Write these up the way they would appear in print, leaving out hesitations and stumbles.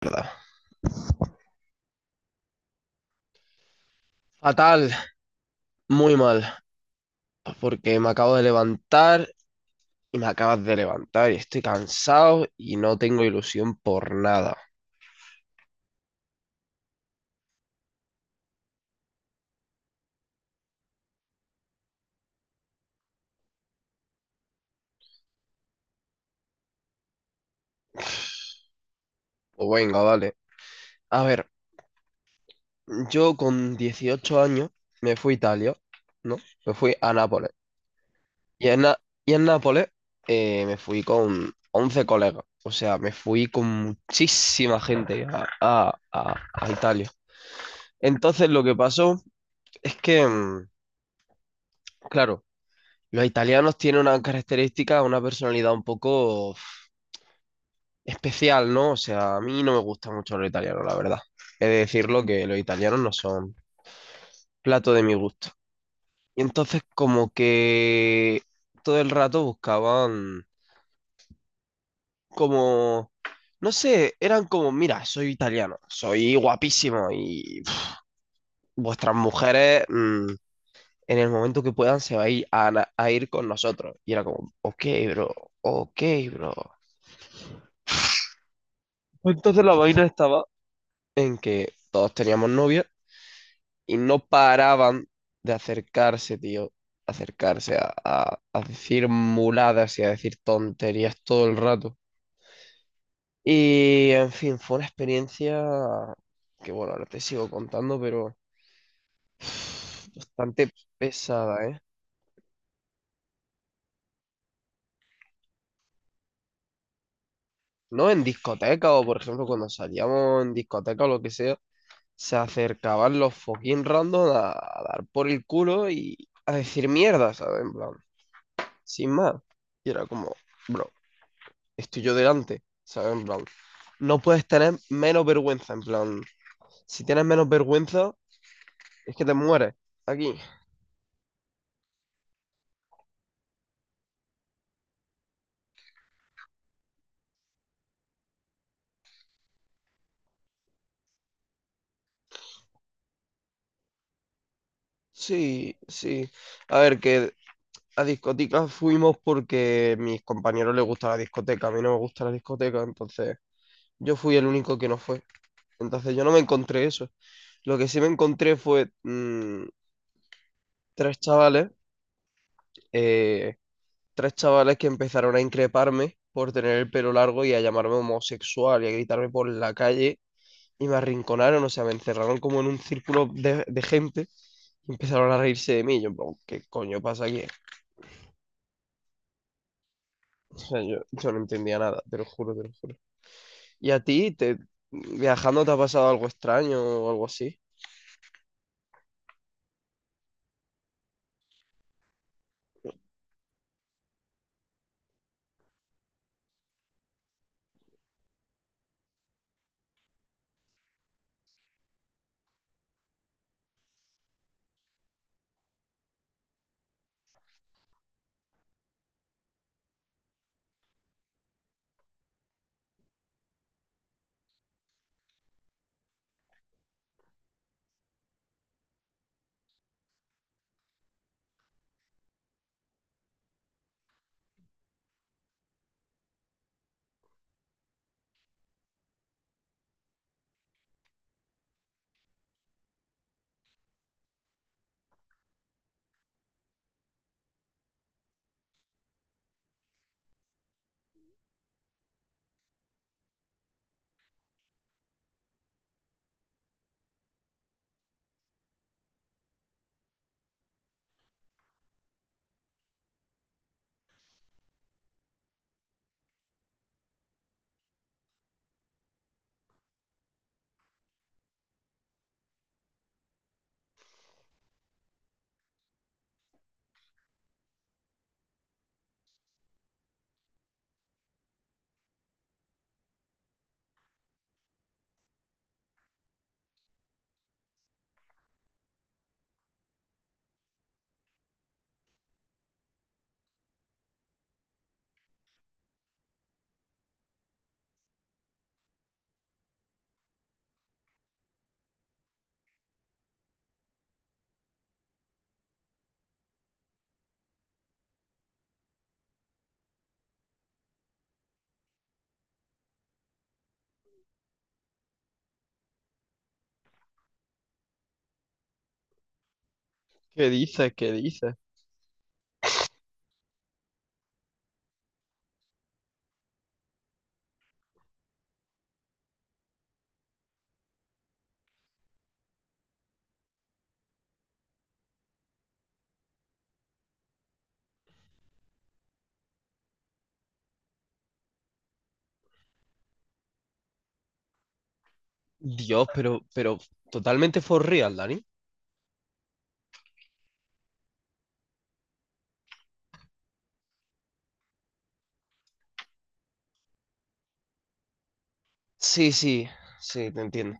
Verdad. Fatal, muy mal, porque me acabo de levantar y me acabas de levantar y estoy cansado y no tengo ilusión por nada. O venga, vale. A ver, yo con 18 años me fui a Italia, ¿no? Me fui a Nápoles. Y en, Na- y en Nápoles, me fui con 11 colegas. O sea, me fui con muchísima gente a Italia. Entonces lo que pasó es que, claro, los italianos tienen una característica, una personalidad un poco uf, especial, ¿no? O sea, a mí no me gusta mucho los italianos, la verdad. He de decirlo que los italianos no son plato de mi gusto. Y entonces como que todo el rato buscaban como, no sé, eran como, mira, soy italiano, soy guapísimo y uf, vuestras mujeres, en el momento que puedan se va a ir, a ir con nosotros. Y era como, ok, bro, ok, bro. Entonces la vaina estaba en que todos teníamos novia y no paraban de acercarse, tío, acercarse a decir muladas y a decir tonterías todo el rato. Y en fin, fue una experiencia que, bueno, ahora te sigo contando, pero bastante pesada, ¿eh? No, en discoteca o, por ejemplo, cuando salíamos en discoteca o lo que sea, se acercaban los fucking random a dar por el culo y a decir mierda, ¿sabes? En plan, sin más. Y era como, bro, estoy yo delante, ¿sabes? En plan, no puedes tener menos vergüenza, en plan, si tienes menos vergüenza, es que te mueres aquí. Sí, sí. A ver, que a discotecas fuimos porque a mis compañeros les gusta la discoteca, a mí no me gusta la discoteca, entonces yo fui el único que no fue. Entonces yo no me encontré eso. Lo que sí me encontré fue, tres chavales. eh, Tres chavales que empezaron a increparme por tener el pelo largo y a llamarme homosexual y a gritarme por la calle y me arrinconaron, o sea, me encerraron como en un círculo de gente y empezaron a reírse de mí. Yo, en plan, ¿qué coño pasa aquí? O sea, yo no entendía nada, te lo juro, te lo juro. ¿Y a ti, viajando, te ha pasado algo extraño o algo así? ¿Qué dices? ¿Qué dices? Dios, pero totalmente for real, Dani. Sí, sí, sí, te entiendo.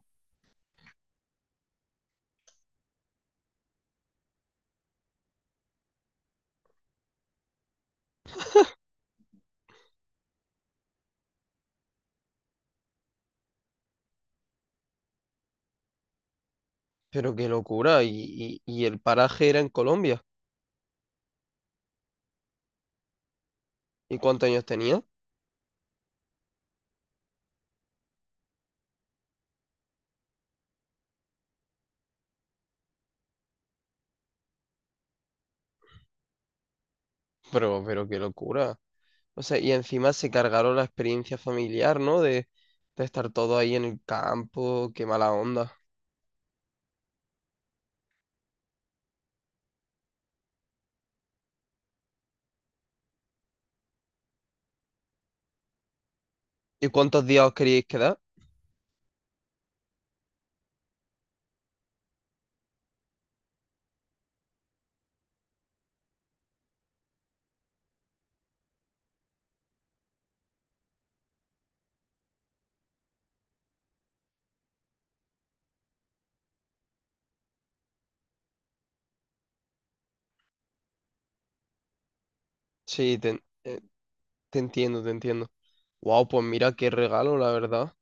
Pero qué locura. ¿Y el paraje era en Colombia? ¿Y cuántos años tenía? Pero qué locura. O sea, y encima se cargaron la experiencia familiar, ¿no? De estar todo ahí en el campo, qué mala onda. ¿Y cuántos días os queríais quedar? Sí, te entiendo, te entiendo. Wow, pues mira qué regalo, la verdad.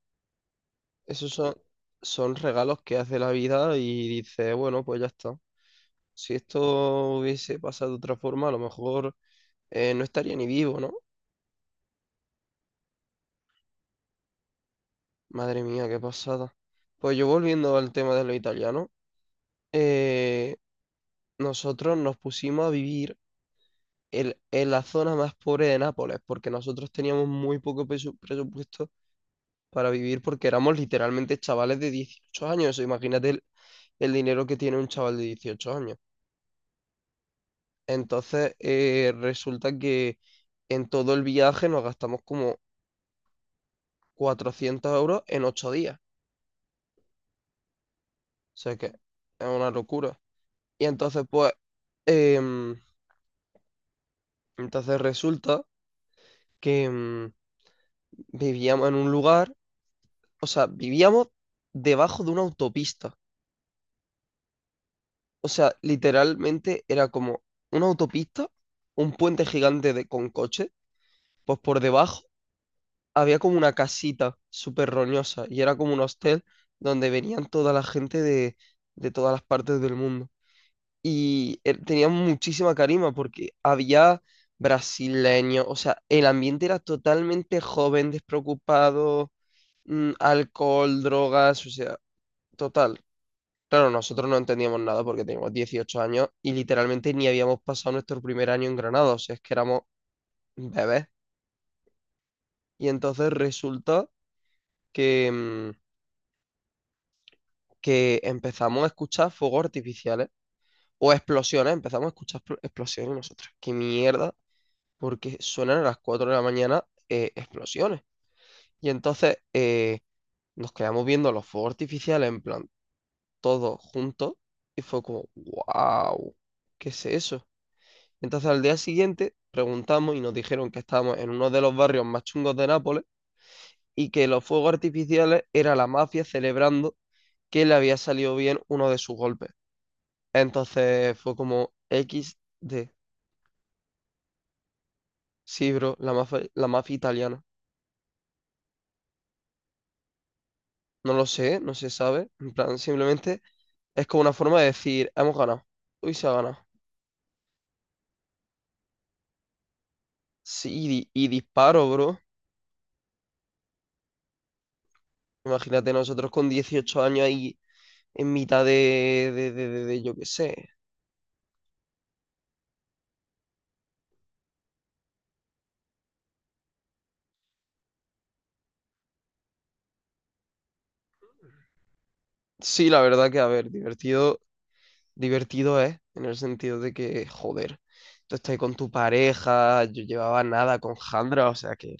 Esos son, son regalos que hace la vida y dice, bueno, pues ya está. Si esto hubiese pasado de otra forma, a lo mejor no estaría ni vivo, ¿no? Madre mía, qué pasada. Pues yo volviendo al tema de lo italiano. eh, Nosotros nos pusimos a vivir en la zona más pobre de Nápoles, porque nosotros teníamos muy poco presupuesto para vivir porque éramos literalmente chavales de 18 años. O sea, imagínate el dinero que tiene un chaval de 18 años. Entonces, resulta que en todo el viaje nos gastamos como 400 euros en 8 días. O sea que es una locura. Y entonces, pues, em, entonces resulta que, vivíamos en un lugar, o sea, vivíamos debajo de una autopista. O sea, literalmente era como una autopista, un puente gigante de, con coche, pues por debajo había como una casita súper roñosa y era como un hostel donde venían toda la gente de todas las partes del mundo. Y tenía muchísima carisma porque había brasileños, o sea, el ambiente era totalmente joven, despreocupado, alcohol, drogas, o sea, total. Claro, nosotros no entendíamos nada porque teníamos 18 años y literalmente ni habíamos pasado nuestro primer año en Granada, o sea, es que éramos bebés. Y entonces resulta que, mm, que empezamos a escuchar fuegos artificiales o explosiones, empezamos a escuchar explosiones y nosotros. ¿Qué mierda? Porque suenan a las 4 de la mañana, explosiones. Y entonces, nos quedamos viendo los fuegos artificiales en plan todos juntos y fue como, wow, ¿qué es eso? Entonces al día siguiente preguntamos y nos dijeron que estábamos en uno de los barrios más chungos de Nápoles y que los fuegos artificiales era la mafia celebrando que le había salido bien uno de sus golpes. Entonces fue como XD. Sí, bro, la mafia italiana. No lo sé, no se sabe. En plan, simplemente es como una forma de decir, hemos ganado. Uy, se ha ganado. Sí, y disparo, bro. Imagínate nosotros con 18 años ahí en mitad de yo qué sé. Sí, la verdad que, a ver, divertido, divertido es, en el sentido de que, joder, tú estás ahí con tu pareja, yo llevaba nada con Jandra, o sea que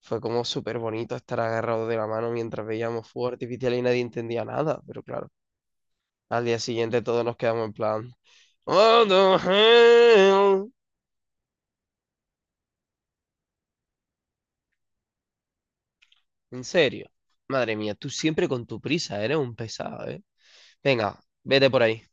fue como súper bonito estar agarrados de la mano mientras veíamos fuego artificial y nadie entendía nada, pero claro, al día siguiente todos nos quedamos en plan, "What the hell?". En serio, madre mía, tú siempre con tu prisa, eres un pesado, ¿eh? Venga, vete por ahí.